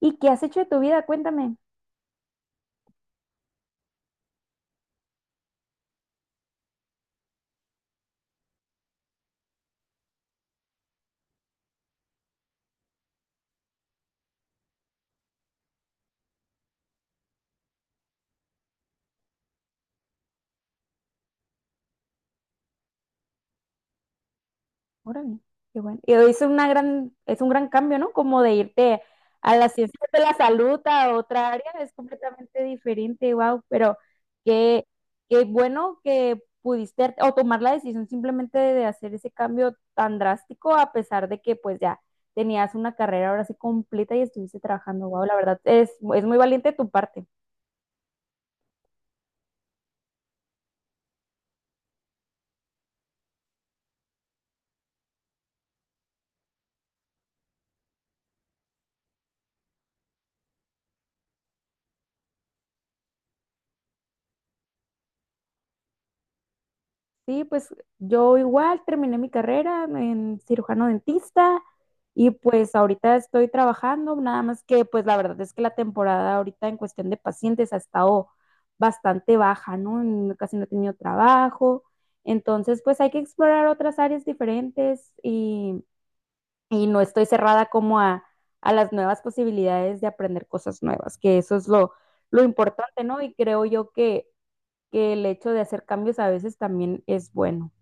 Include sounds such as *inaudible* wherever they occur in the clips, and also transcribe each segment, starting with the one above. ¿Y qué has hecho de tu vida? Cuéntame. Órale, qué bueno. Y es una gran, es un gran cambio, ¿no? Como de irte a las ciencias de la salud a otra área, es completamente diferente, wow. Pero qué, qué bueno que pudiste o tomar la decisión simplemente de hacer ese cambio tan drástico, a pesar de que pues ya tenías una carrera ahora sí completa y estuviste trabajando, wow, la verdad, es muy valiente de tu parte. Sí, pues yo igual terminé mi carrera en cirujano dentista y pues ahorita estoy trabajando, nada más que pues la verdad es que la temporada ahorita en cuestión de pacientes ha estado bastante baja, ¿no? Casi no he tenido trabajo, entonces pues hay que explorar otras áreas diferentes y no estoy cerrada como a las nuevas posibilidades de aprender cosas nuevas, que eso es lo importante, ¿no? Y creo yo que el hecho de hacer cambios a veces también es bueno.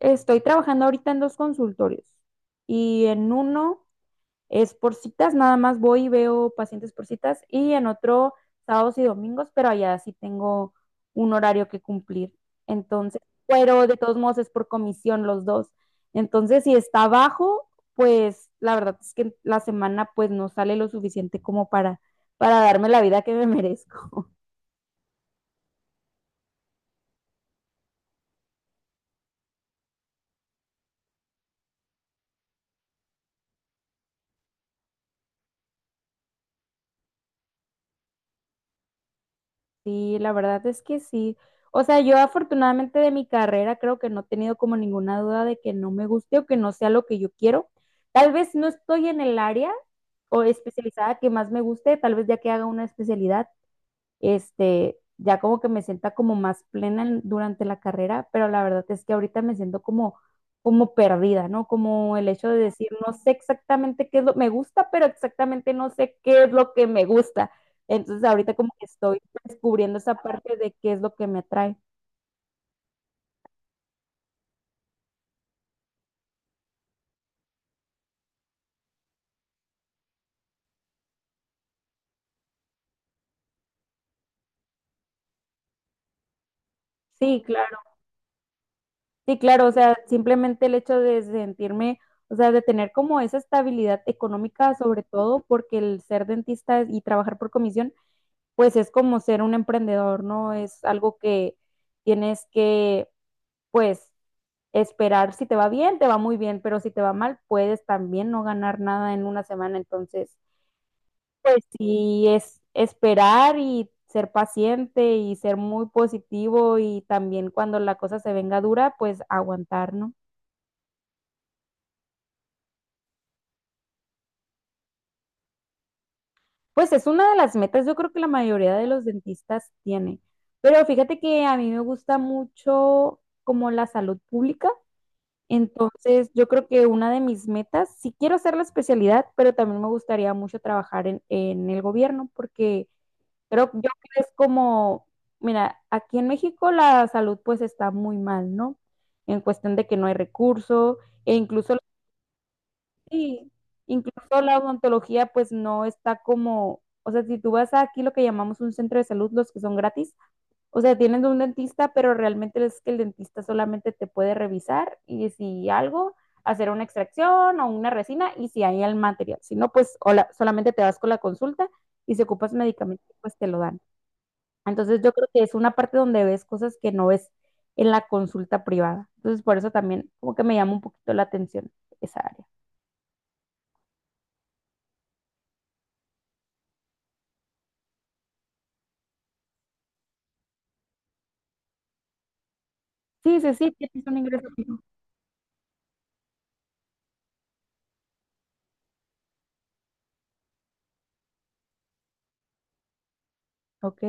Estoy trabajando ahorita en dos consultorios y en uno es por citas, nada más voy y veo pacientes por citas y en otro sábados y domingos, pero allá sí tengo un horario que cumplir. Entonces, pero de todos modos es por comisión los dos. Entonces, si está bajo, pues la verdad es que la semana pues no sale lo suficiente como para darme la vida que me merezco. Sí, la verdad es que sí. O sea, yo afortunadamente de mi carrera creo que no he tenido como ninguna duda de que no me guste o que no sea lo que yo quiero. Tal vez no estoy en el área o especializada que más me guste, tal vez ya que haga una especialidad este, ya como que me sienta como más plena durante la carrera, pero la verdad es que ahorita me siento como, como perdida, ¿no? Como el hecho de decir, no sé exactamente qué es lo que me gusta, pero exactamente no sé qué es lo que me gusta. Entonces ahorita como que estoy descubriendo esa parte de qué es lo que me atrae. Sí, claro. Sí, claro, o sea, simplemente el hecho de sentirme, o sea, de tener como esa estabilidad económica, sobre todo porque el ser dentista y trabajar por comisión pues es como ser un emprendedor, ¿no? Es algo que tienes que, pues, esperar. Si te va bien, te va muy bien, pero si te va mal, puedes también no ganar nada en una semana. Entonces, pues sí, es esperar y ser paciente y ser muy positivo y también cuando la cosa se venga dura, pues aguantar, ¿no? Pues es una de las metas, yo creo que la mayoría de los dentistas tiene. Pero fíjate que a mí me gusta mucho como la salud pública. Entonces, yo creo que una de mis metas, sí quiero hacer la especialidad, pero también me gustaría mucho trabajar en el gobierno, porque creo yo que es como, mira, aquí en México la salud pues está muy mal, ¿no? En cuestión de que no hay recurso e incluso, sí, incluso la odontología pues no está como, o sea, si tú vas a aquí lo que llamamos un centro de salud, los que son gratis, o sea, tienen un dentista, pero realmente es que el dentista solamente te puede revisar y si algo, hacer una extracción o una resina y si hay el material. Si no, pues hola, solamente te vas con la consulta y si ocupas medicamento, pues te lo dan. Entonces yo creo que es una parte donde ves cosas que no ves en la consulta privada. Entonces por eso también como que me llama un poquito la atención esa área. Sí, sí, sí, tienes un ingreso fijo. Ok,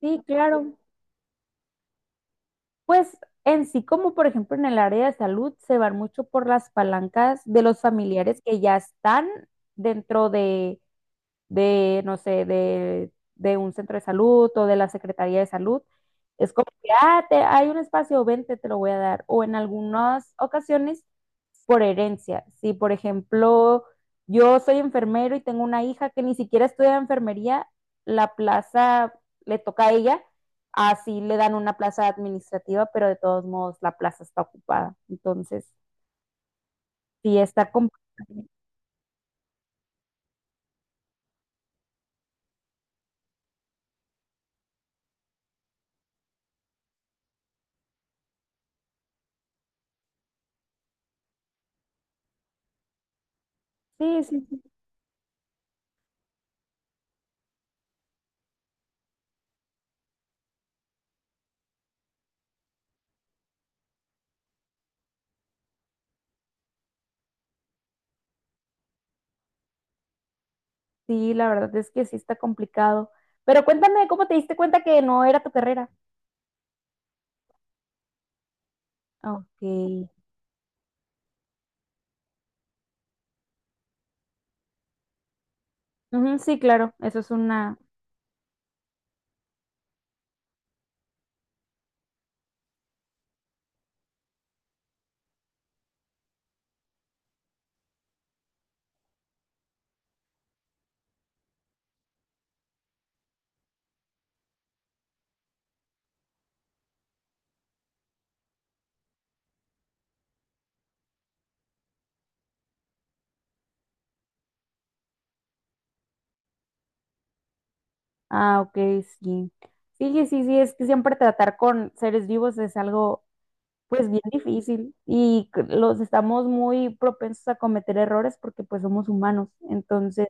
sí, claro. Pues en sí, como por ejemplo en el área de salud, se van mucho por las palancas de los familiares que ya están dentro no sé, de un centro de salud o de la Secretaría de Salud. Es como que, ah, hay un espacio, vente, te lo voy a dar. O en algunas ocasiones, por herencia. Si, por ejemplo, yo soy enfermero y tengo una hija que ni siquiera estudia enfermería, la plaza le toca a ella, así le dan una plaza administrativa, pero de todos modos la plaza está ocupada. Entonces, sí está complicado. Sí, sí, sí, la verdad es que sí está complicado. Pero cuéntame, ¿cómo te diste cuenta que no era tu carrera? Ok. Ujú, sí, claro, eso es una... Ah, ok, sí. Sí, sí, sí, sí, es que siempre tratar con seres vivos es algo, pues, bien difícil y los estamos muy propensos a cometer errores porque, pues, somos humanos. Entonces,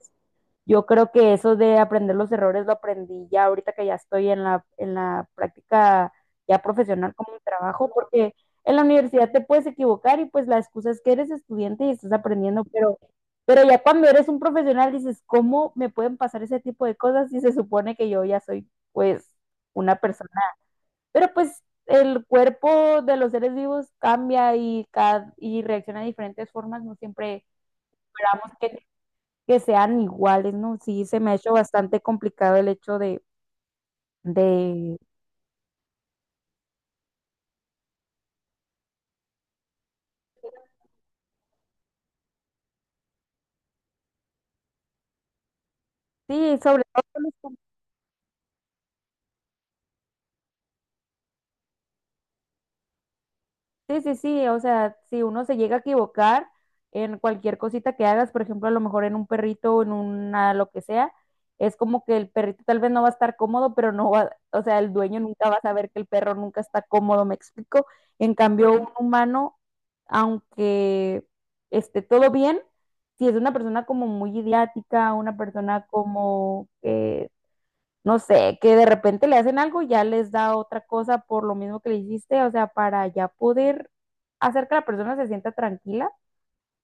yo creo que eso de aprender los errores lo aprendí ya ahorita que ya estoy en en la práctica ya profesional como un trabajo, porque en la universidad te puedes equivocar y pues la excusa es que eres estudiante y estás aprendiendo, pero ya cuando eres un profesional dices, ¿cómo me pueden pasar ese tipo de cosas si se supone que yo ya soy pues una persona? Pero pues el cuerpo de los seres vivos cambia y reacciona de diferentes formas, no siempre esperamos que sean iguales, ¿no? Sí, se me ha hecho bastante complicado el hecho de, sí, sobre todo con los Sí, sí, sí, o sea, si uno se llega a equivocar en cualquier cosita que hagas, por ejemplo, a lo mejor en un perrito o en una lo que sea, es como que el perrito tal vez no va a estar cómodo, pero no va, o sea, el dueño nunca va a saber que el perro nunca está cómodo, ¿me explico? En cambio, un humano, aunque esté todo bien, si es una persona como muy idiática, una persona como que no sé, que de repente le hacen algo y ya les da otra cosa por lo mismo que le hiciste, o sea, para ya poder hacer que la persona se sienta tranquila,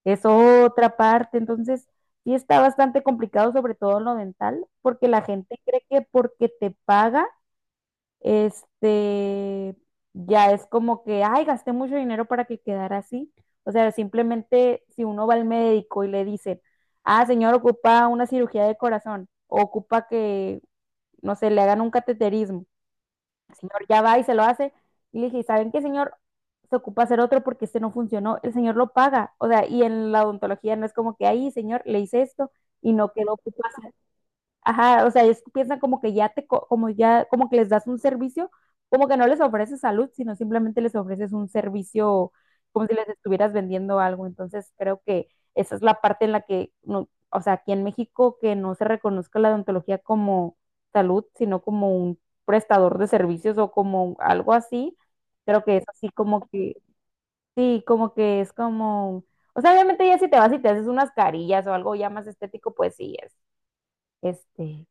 es otra parte, entonces sí está bastante complicado, sobre todo en lo dental, porque la gente cree que porque te paga, este, ya es como que, ay, gasté mucho dinero para que quedara así, o sea, simplemente si uno va al médico y le dicen, ah, señor, ocupa una cirugía de corazón, o ocupa que no sé, le hagan un cateterismo. El señor ya va y se lo hace. Y le dije, ¿saben qué, señor? Se ocupa hacer otro porque este no funcionó. El señor lo paga. O sea, y en la odontología no es como que ahí, señor, le hice esto y no quedó. Pues, ajá, o sea, ellos piensan como que ya como ya, como que les das un servicio, como que no les ofreces salud, sino simplemente les ofreces un servicio como si les estuvieras vendiendo algo. Entonces, creo que esa es la parte en la que, no, o sea, aquí en México que no se reconozca la odontología como salud, sino como un prestador de servicios o como algo así, creo que es así como que, sí, como que es como, o sea, obviamente ya si te vas y te haces unas carillas o algo ya más estético, pues sí, es, este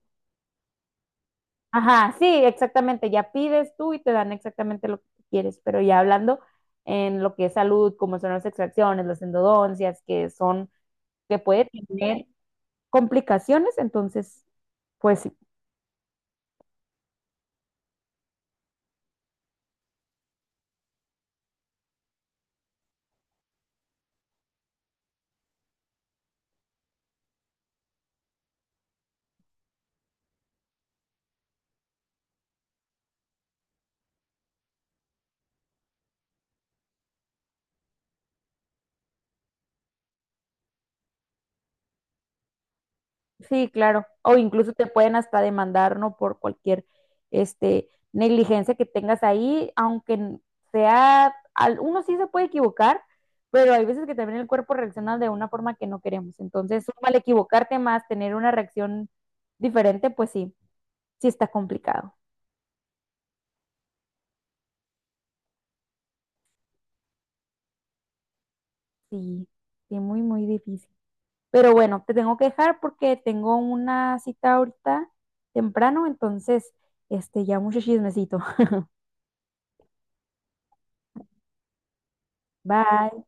ajá, sí, exactamente. Ya pides tú y te dan exactamente lo que tú quieres, pero ya hablando en lo que es salud, como son las extracciones, las endodoncias, que son, que puede tener complicaciones, entonces, pues sí. Sí, claro. O incluso te pueden hasta demandar, ¿no? Por cualquier este, negligencia que tengas ahí, aunque sea, uno sí se puede equivocar, pero hay veces que también el cuerpo reacciona de una forma que no queremos. Entonces, mal equivocarte más, tener una reacción diferente, pues sí, sí está complicado. Sí, sí, muy, muy difícil. Pero bueno, te tengo que dejar porque tengo una cita ahorita temprano, entonces, este, ya mucho chismecito. *laughs* Bye.